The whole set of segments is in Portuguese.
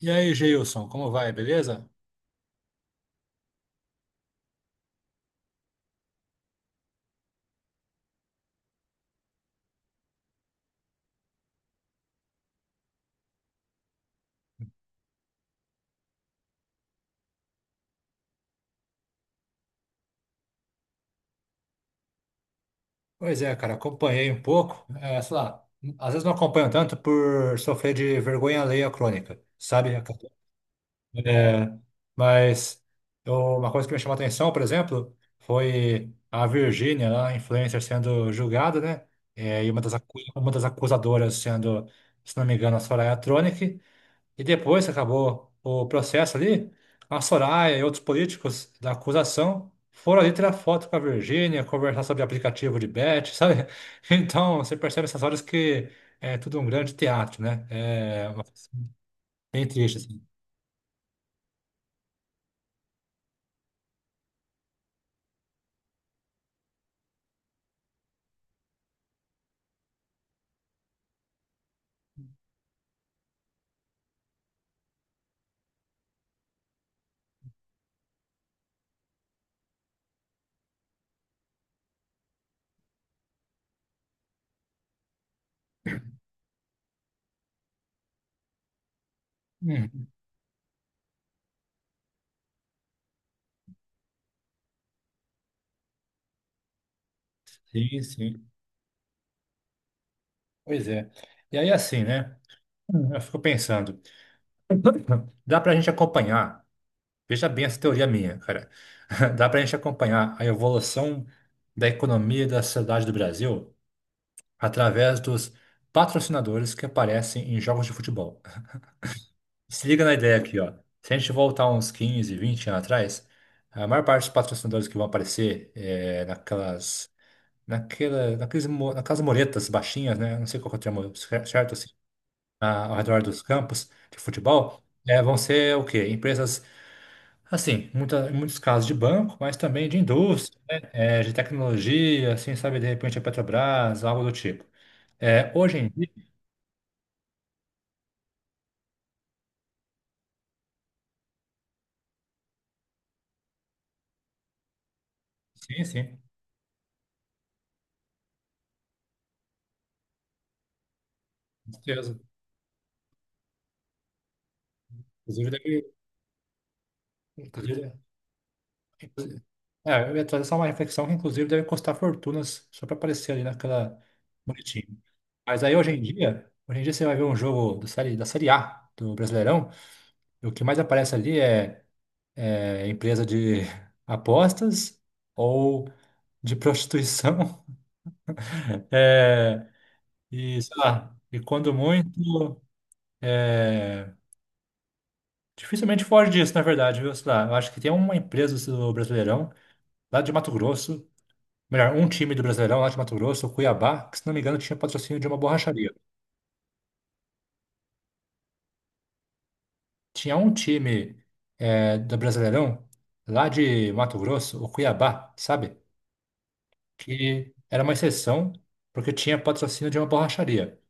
E aí, Geilson, como vai? Beleza? Pois é, cara, acompanhei um pouco. É, sei lá, às vezes não acompanho tanto por sofrer de vergonha alheia crônica, sabe? É, mas uma coisa que me chamou a atenção, por exemplo, foi a Virgínia, lá, a influencer, sendo julgada, né? É, e uma uma das acusadoras sendo, se não me engano, a Soraya Tronic. E depois que acabou o processo ali, a Soraya e outros políticos da acusação foram ali tirar foto com a Virgínia, conversar sobre aplicativo de bet, sabe? Então, você percebe essas horas que é tudo um grande teatro, né? É uma coisa bem triste, assim. Hum, sim, sim. Pois é. E aí, assim, né? Eu fico pensando, dá pra gente acompanhar, veja bem essa teoria minha, cara, dá pra gente acompanhar a evolução da economia e da sociedade do Brasil através dos patrocinadores que aparecem em jogos de futebol. Se liga na ideia aqui, ó. Se a gente voltar uns 15, 20 anos atrás, a maior parte dos patrocinadores que vão aparecer é naquelas, naquela, naqueles, mo- naquelas muretas baixinhas, né? Não sei qual que é o termo certo, assim, ao redor dos campos de futebol, é, vão ser o quê? Empresas, assim, muita, em muitos casos de banco, mas também de indústria, né? É, de tecnologia, assim, sabe? De repente a Petrobras, algo do tipo. É, hoje em dia, sim, sim. Certeza. Inclusive, inclusive, inclusive- é, eu ia trazer só uma reflexão que, inclusive, deve custar fortunas só para aparecer ali naquela bonitinha. Mas aí, hoje em dia você vai ver um jogo da série A do Brasileirão, e o que mais aparece ali é, é empresa de apostas ou de prostituição. É, e, sei lá, e quando muito, é, dificilmente foge disso, na verdade, viu? Sei lá, eu acho que tem uma empresa do Brasileirão, lá de Mato Grosso, melhor, um time do Brasileirão lá de Mato Grosso, o Cuiabá, que se não me engano tinha patrocínio de uma borracharia. Tinha um time eh, do Brasileirão lá de Mato Grosso, o Cuiabá, sabe? Que era uma exceção porque tinha patrocínio de uma borracharia.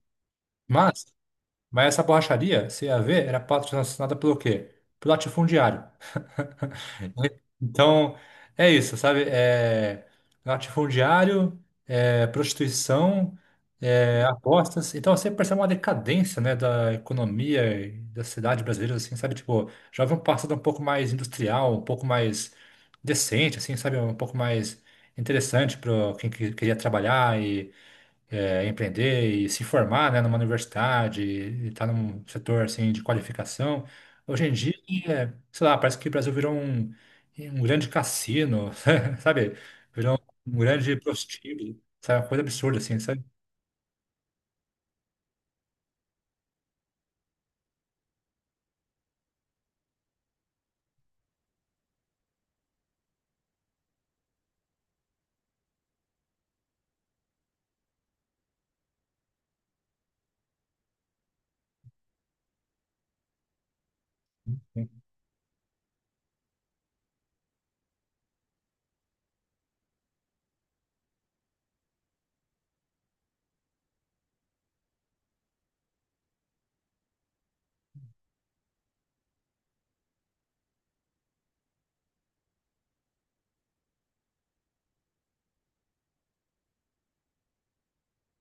Mas, mas essa borracharia, você ia ver, era patrocinada pelo quê? Pelo latifundiário. Então, é isso, sabe? É latifundiário, é prostituição, é apostas. Então, você percebe uma decadência, né, da economia e da cidade brasileira, assim, sabe? Tipo, já havia um passado um pouco mais industrial, um pouco mais decente, assim, sabe? Um pouco mais interessante para queria trabalhar é, empreender e se formar, né, numa universidade, e estar num setor assim de qualificação. Hoje em dia, é, sei lá, parece que o Brasil virou um, um grande cassino, sabe? Virou um grande prostíbulo, sabe? Uma coisa absurda assim, sabe?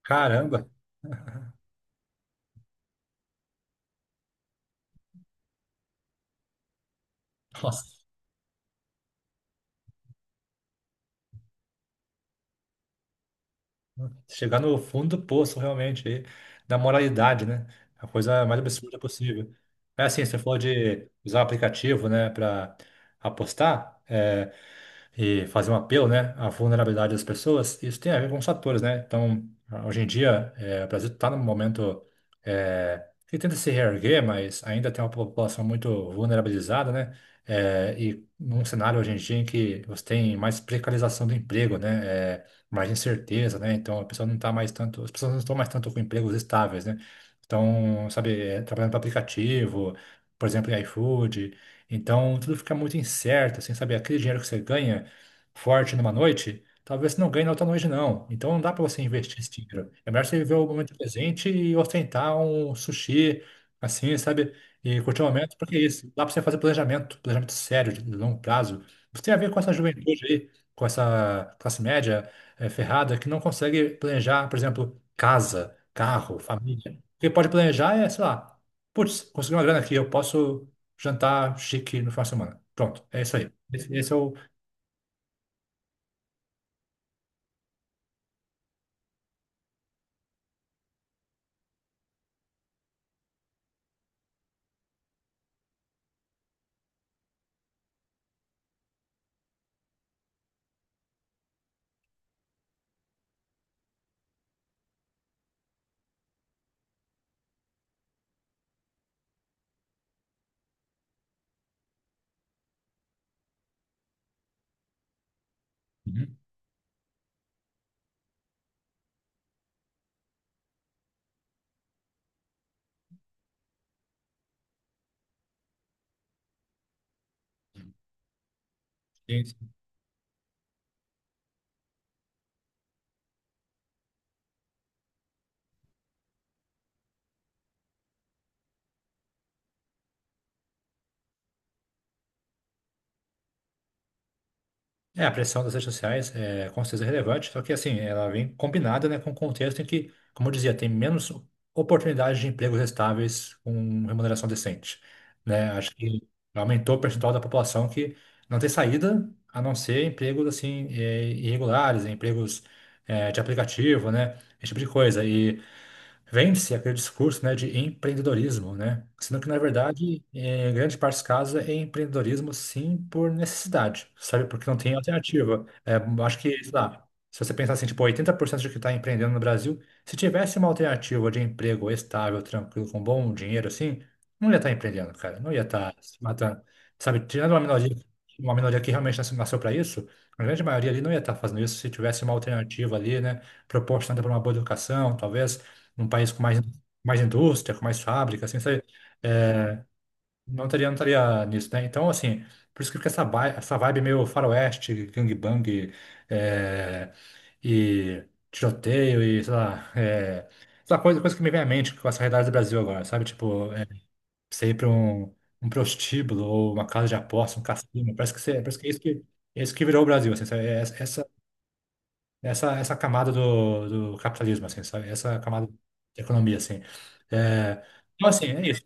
Caramba, nossa, chegar no fundo do poço realmente aí, da moralidade, né? A coisa mais absurda possível. É assim, você falou de usar o aplicativo, né, para apostar. É, e fazer um apelo, né, à vulnerabilidade das pessoas, isso tem a ver com os fatores, né? Então, hoje em dia, eh, o Brasil está num momento eh, que tenta se reerguer, mas ainda tem uma população muito vulnerabilizada, né? Eh, e num cenário hoje em dia em que você tem mais precarização do emprego, né? Eh, mais incerteza, né? Então, a pessoa não tá mais tanto, as pessoas não estão mais tanto com empregos estáveis, né? Então, sabe, eh, trabalhando para aplicativo, por exemplo, em iFood. Então, tudo fica muito incerto, assim, sabe? Aquele dinheiro que você ganha forte numa noite, talvez você não ganhe na outra noite, não. Então não dá para você investir esse dinheiro. É melhor você viver o momento presente e ostentar um sushi, assim, sabe? E curtir o momento, porque é isso. Dá para você fazer planejamento, planejamento sério, de longo prazo. Você tem a ver com essa juventude aí, com essa classe média eh, ferrada que não consegue planejar, por exemplo, casa, carro, família. O que pode planejar é, sei lá, putz, consegui uma grana aqui, eu posso jantar chique no final de semana. Pronto, é isso aí. Esse é o. Uhum. É, a pressão das redes sociais é com certeza relevante, só que assim, ela vem combinada, né, com o contexto em que, como eu dizia, tem menos oportunidades de empregos estáveis com remuneração decente, né? Acho que aumentou o percentual da população que não tem saída, a não ser empregos assim eh, irregulares, né, empregos eh, de aplicativo, né, esse tipo de coisa. E vende-se aquele discurso, né, de empreendedorismo, né? Sendo que, na verdade, em grande parte dos casos, é empreendedorismo, sim, por necessidade, sabe? Porque não tem alternativa. É, acho que, sei lá, se você pensar assim, tipo, 80% de que está empreendendo no Brasil, se tivesse uma alternativa de emprego estável, tranquilo, com bom dinheiro, assim, não ia estar empreendendo, cara. Não ia estar se matando. Sabe? Tirando uma minoria que realmente nasceu para isso, a grande maioria ali não ia estar fazendo isso se tivesse uma alternativa ali, né? Proporcionada por uma boa educação, talvez num país com mais, mais indústria, com mais fábrica, assim, sabe? É, não teria nisso, né? Então, assim, por isso que fica essa vibe meio faroeste, gangbang, é, e tiroteio e, sei lá, é, coisa que me vem à mente com essa realidade do Brasil agora, sabe? Tipo, é, você ir para um, um prostíbulo ou uma casa de aposta, um cassino, parece que, você, parece que é isso que, é isso que virou o Brasil, assim, sabe? É essa, essa camada do capitalismo, assim, sabe? Essa camada de economia, assim. É, então, assim, é isso.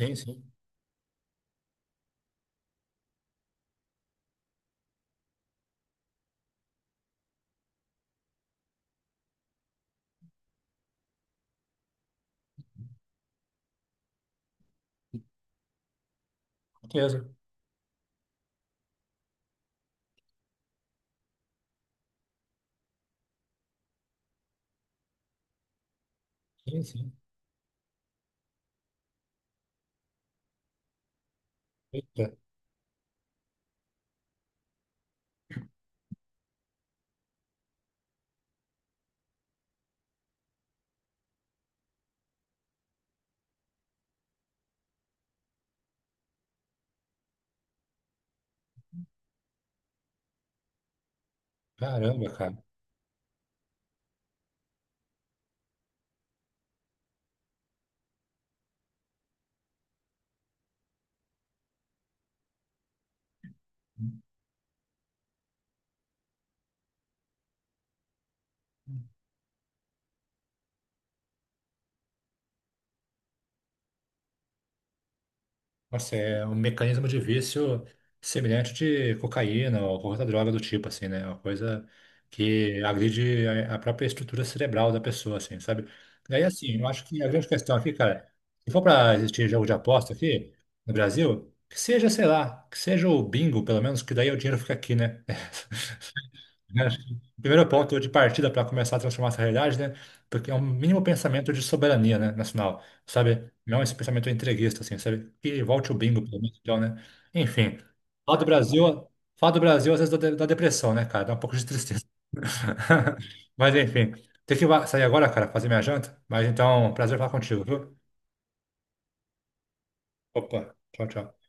Sim, sim, com certeza. Sim, sim. Eita, caramba, cara. Nossa, é um mecanismo de vício semelhante de cocaína ou qualquer outra droga do tipo, assim, né? É uma coisa que agride a própria estrutura cerebral da pessoa, assim, sabe? Daí, assim, eu acho que a grande questão aqui, cara, se for para existir jogo de aposta aqui no Brasil, que seja, sei lá, que seja o bingo, pelo menos, que daí o dinheiro fica aqui, né? Né? Acho que o primeiro ponto de partida para começar a transformar essa realidade, né? Porque é um mínimo pensamento de soberania, né, nacional, sabe? Não esse pensamento entreguista, assim, sabe? Que volte o bingo, pelo menos, então, né? Enfim, falar do Brasil, falar do Brasil às vezes dá depressão, né, cara? Dá um pouco de tristeza. Mas, enfim, tem que sair agora, cara, fazer minha janta. Mas, então, prazer falar contigo, viu? Opa, tchau, tchau.